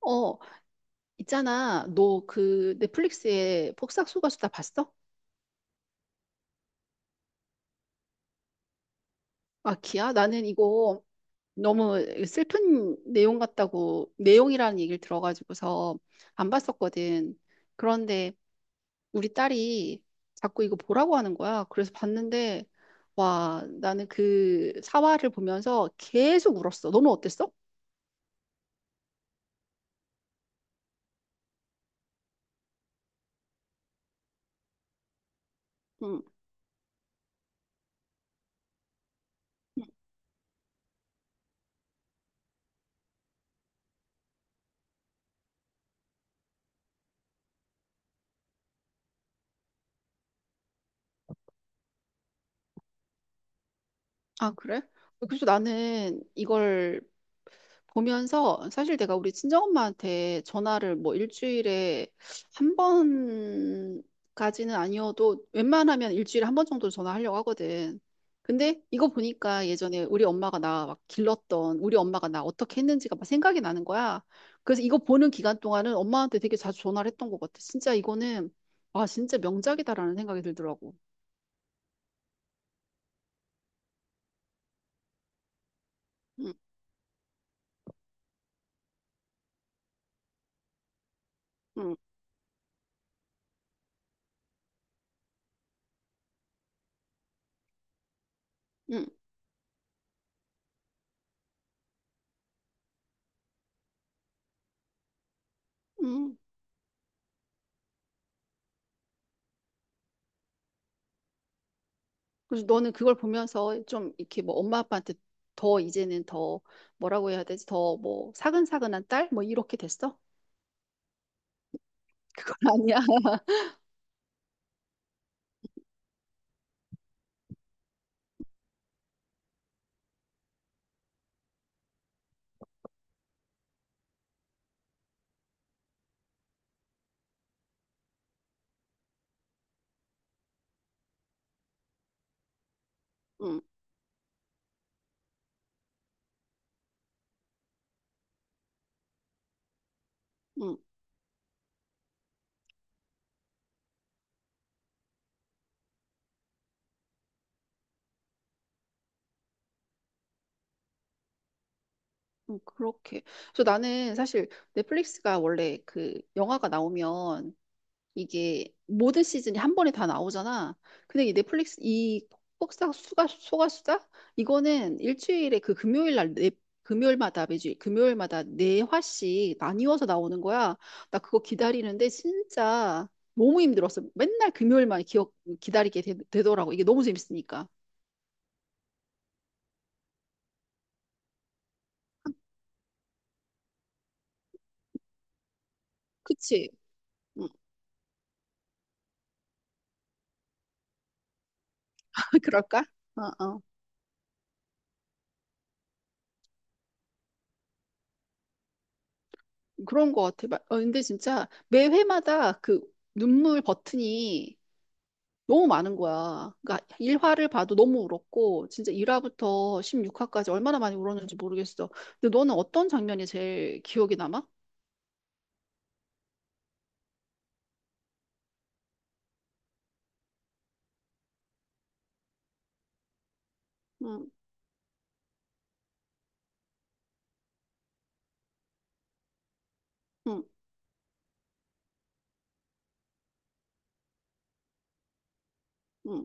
어, 있잖아. 너 그 넷플릭스에 폭싹소가수 다 봤어? 아, 기야? 나는 이거 너무 슬픈 내용 같다고, 내용이라는 얘기를 들어가지고서 안 봤었거든. 그런데 우리 딸이 자꾸 이거 보라고 하는 거야. 그래서 봤는데, 와, 나는 그 사화를 보면서 계속 울었어. 너는 어땠어? 응. 아, 그래? 그래서 나는 이걸 보면서 사실 내가 우리 친정엄마한테 전화를 뭐 일주일에 한 번까지는 아니어도 웬만하면 일주일에 한 번 정도 전화하려고 하거든. 근데 이거 보니까 예전에 우리 엄마가 나 막 길렀던 우리 엄마가 나 어떻게 했는지가 막 생각이 나는 거야. 그래서 이거 보는 기간 동안은 엄마한테 되게 자주 전화를 했던 것 같아. 진짜 이거는 와 진짜 명작이다라는 생각이 들더라고. 응, 응, 응, 응. 그래서 너는 그걸 보면서 좀 이렇게 뭐 엄마 아빠한테 더 이제는 더 뭐라고 해야 되지? 더 뭐 사근사근한 딸? 뭐 이렇게 됐어? 그건 아니야. 응, 응, 응, 그렇게. 그래서 나는 사실 넷플릭스가 원래 그 영화가 나오면 이게 모든 시즌이 한 번에 다 나오잖아. 근데 이 넷플릭스 이 폭싹 수가 소가수다 이거는 일주일에 그 금요일 날 네, 금요일마다 매주 금요일마다 네 화씩 나뉘어서 나오는 거야. 나 그거 기다리는데 진짜 너무 힘들었어. 맨날 금요일만 기억 기다리게 되, 더라고 이게 너무 재밌으니까. 그치? 응. 그럴까? 어, 어. 그런 거 같아. 어, 근데 진짜 매 회마다 그 눈물 버튼이 너무 많은 거야. 그러니까 1화를 봐도 너무 울었고 진짜 1화부터 16화까지 얼마나 많이 울었는지 모르겠어. 근데 너는 어떤 장면이 제일 기억에 남아? 응, 응, 응,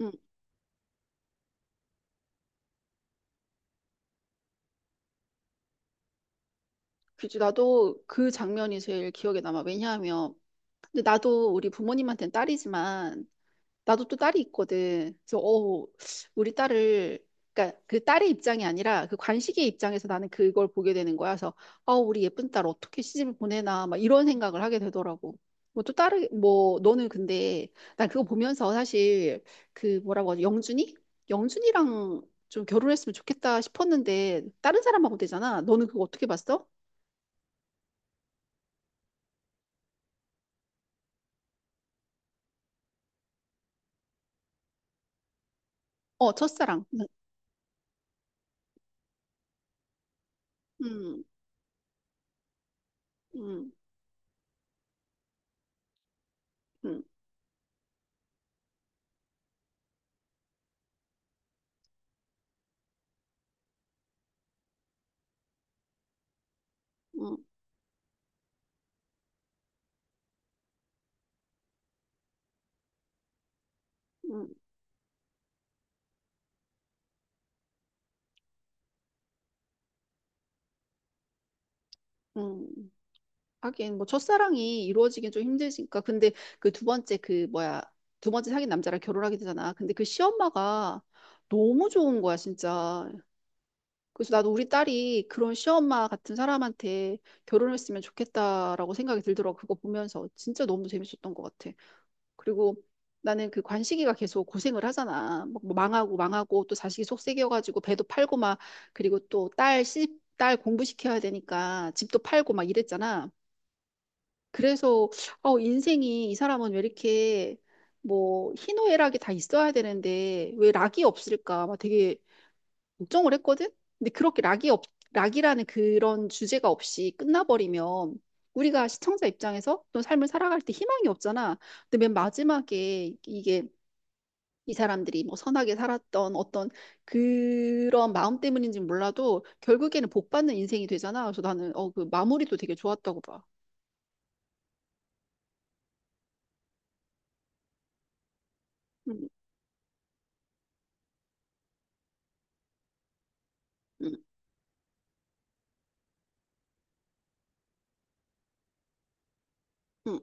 응. 그치, 나도 그 장면이 제일 기억에 남아. 왜냐하면 근데 나도 우리 부모님한테는 딸이지만 나도 또 딸이 있거든. 그래서 어 우리 딸을 그러니까 그 딸의 입장이 아니라 그 관식의 입장에서 나는 그걸 보게 되는 거야. 그래서 아 우리 예쁜 딸 어떻게 시집을 보내나 막 이런 생각을 하게 되더라고. 뭐 또 딸이 뭐 너는 근데 난 그거 보면서 사실 그 뭐라고 하지 영준이? 영준이랑 좀 결혼했으면 좋겠다 싶었는데 다른 사람하고 되잖아. 너는 그거 어떻게 봤어? 어 첫사랑. 음, 음, 음, 음, 음, 음. 하긴 뭐 첫사랑이 이루어지긴 좀 힘들니까 근데 그 두 번째 그 뭐야 두 번째 사귄 남자랑 결혼하게 되잖아 근데 그 시엄마가 너무 좋은 거야 진짜 그래서 나도 우리 딸이 그런 시엄마 같은 사람한테 결혼했으면 좋겠다라고 생각이 들더라고 그거 보면서 진짜 너무 재밌었던 것 같아 그리고 나는 그 관식이가 계속 고생을 하잖아 막뭐 망하고 망하고 또 자식이 속썩여가지고 배도 팔고 막 그리고 또 딸 시딸 공부시켜야 되니까 집도 팔고 막 이랬잖아 그래서 어, 인생이 이 사람은 왜 이렇게 뭐 희노애락이 다 있어야 되는데 왜 락이 없을까 막 되게 걱정을 했거든. 근데 그렇게 락이라는 그런 주제가 없이 끝나버리면 우리가 시청자 입장에서 또 삶을 살아갈 때 희망이 없잖아. 근데 맨 마지막에 이게 이 사람들이 뭐 선하게 살았던 어떤 그런 마음 때문인지 몰라도 결국에는 복 받는 인생이 되잖아. 그래서 나는 어, 그 마무리도 되게 좋았다고 봐. 음, 음, 음,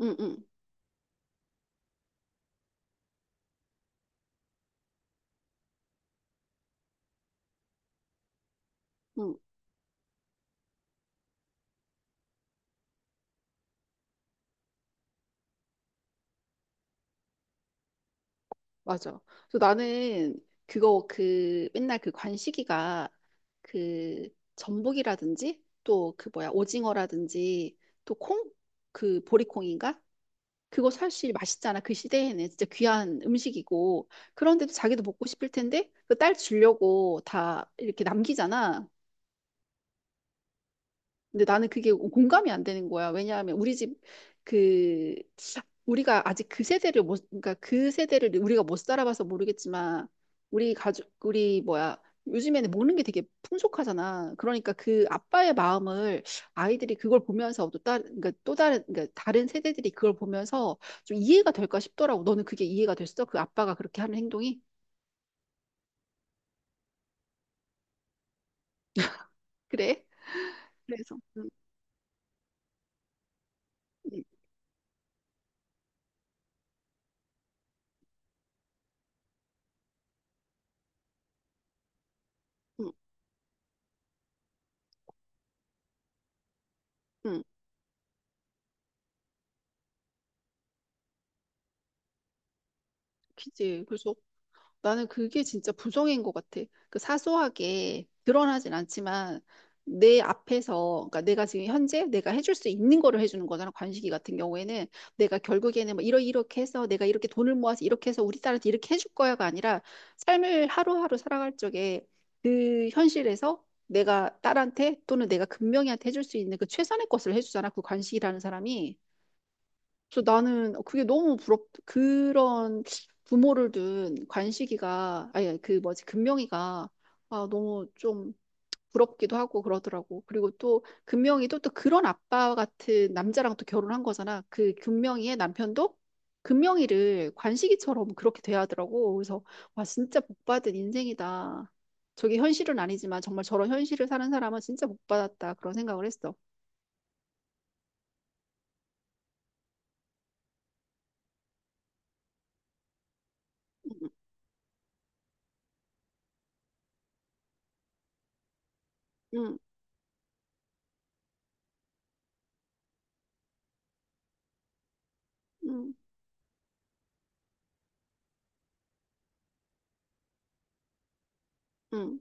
음, 음. 응, 맞아. 그래서 나는 그거 그 맨날 그 관식이가 그 전복이라든지 또 그 뭐야 오징어라든지 또 콩? 그 보리콩인가? 그거 사실 맛있잖아. 그 시대에는 진짜 귀한 음식이고 그런데도 자기도 먹고 싶을 텐데 그 딸 주려고 다 이렇게 남기잖아. 근데 나는 그게 공감이 안 되는 거야. 왜냐하면 우리 집 그 우리가 아직 그 세대를 못 그러니까 그 세대를 우리가 못 살아봐서 모르겠지만 우리 가족 우리 뭐야 요즘에는 먹는 게 되게 풍족하잖아. 그러니까 그 아빠의 마음을 아이들이 그걸 보면서 또 다른 그러니까 또 다른 그러니까 다른 세대들이 그걸 보면서 좀 이해가 될까 싶더라고. 너는 그게 이해가 됐어? 그 아빠가 그렇게 하는 행동이? 그래? 그래서 응 응 응 응, 그치. 그래서 나는 그게 진짜 부정인 것 같아. 그 사소하게 드러나진 않지만 내 앞에서, 그러니까 내가 지금 현재 내가 해줄 수 있는 거를 해주는 거잖아. 관식이 같은 경우에는 내가 결국에는 뭐 이러 이렇게 해서 내가 이렇게 돈을 모아서 이렇게 해서 우리 딸한테 이렇게 해줄 거야가 아니라 삶을 하루하루 살아갈 적에 그 현실에서 내가 딸한테 또는 내가 금명이한테 해줄 수 있는 그 최선의 것을 해주잖아. 그 관식이라는 사람이. 저 나는 그게 너무 부럽, 그런 부모를 둔 관식이가, 아니, 아니, 그 뭐지, 금명이가, 아, 너무 좀 부럽기도 하고 그러더라고. 그리고 또 금명이도 또 그런 아빠 같은 남자랑 또 결혼한 거잖아. 그 금명이의 남편도 금명이를 관식이처럼 그렇게 대하더라고. 그래서, 와, 진짜 복 받은 인생이다. 저게 현실은 아니지만 정말 저런 현실을 사는 사람은 진짜 복 받았다. 그런 생각을 했어. 응, 응, 응. 응.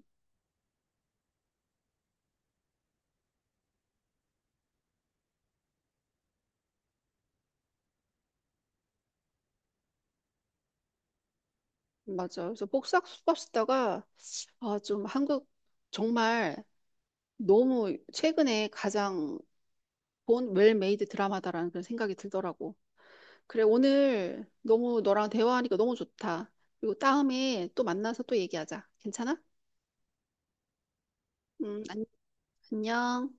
맞아. 그래서 복싹 수박 쓰다가 아, 좀 한국 정말 너무 최근에 가장 본 웰메이드 드라마다라는 그런 생각이 들더라고. 그래, 오늘 너무 너랑 대화하니까 너무 좋다. 그리고 다음에 또 만나서 또 얘기하자. 괜찮아? 음, 안- 안녕.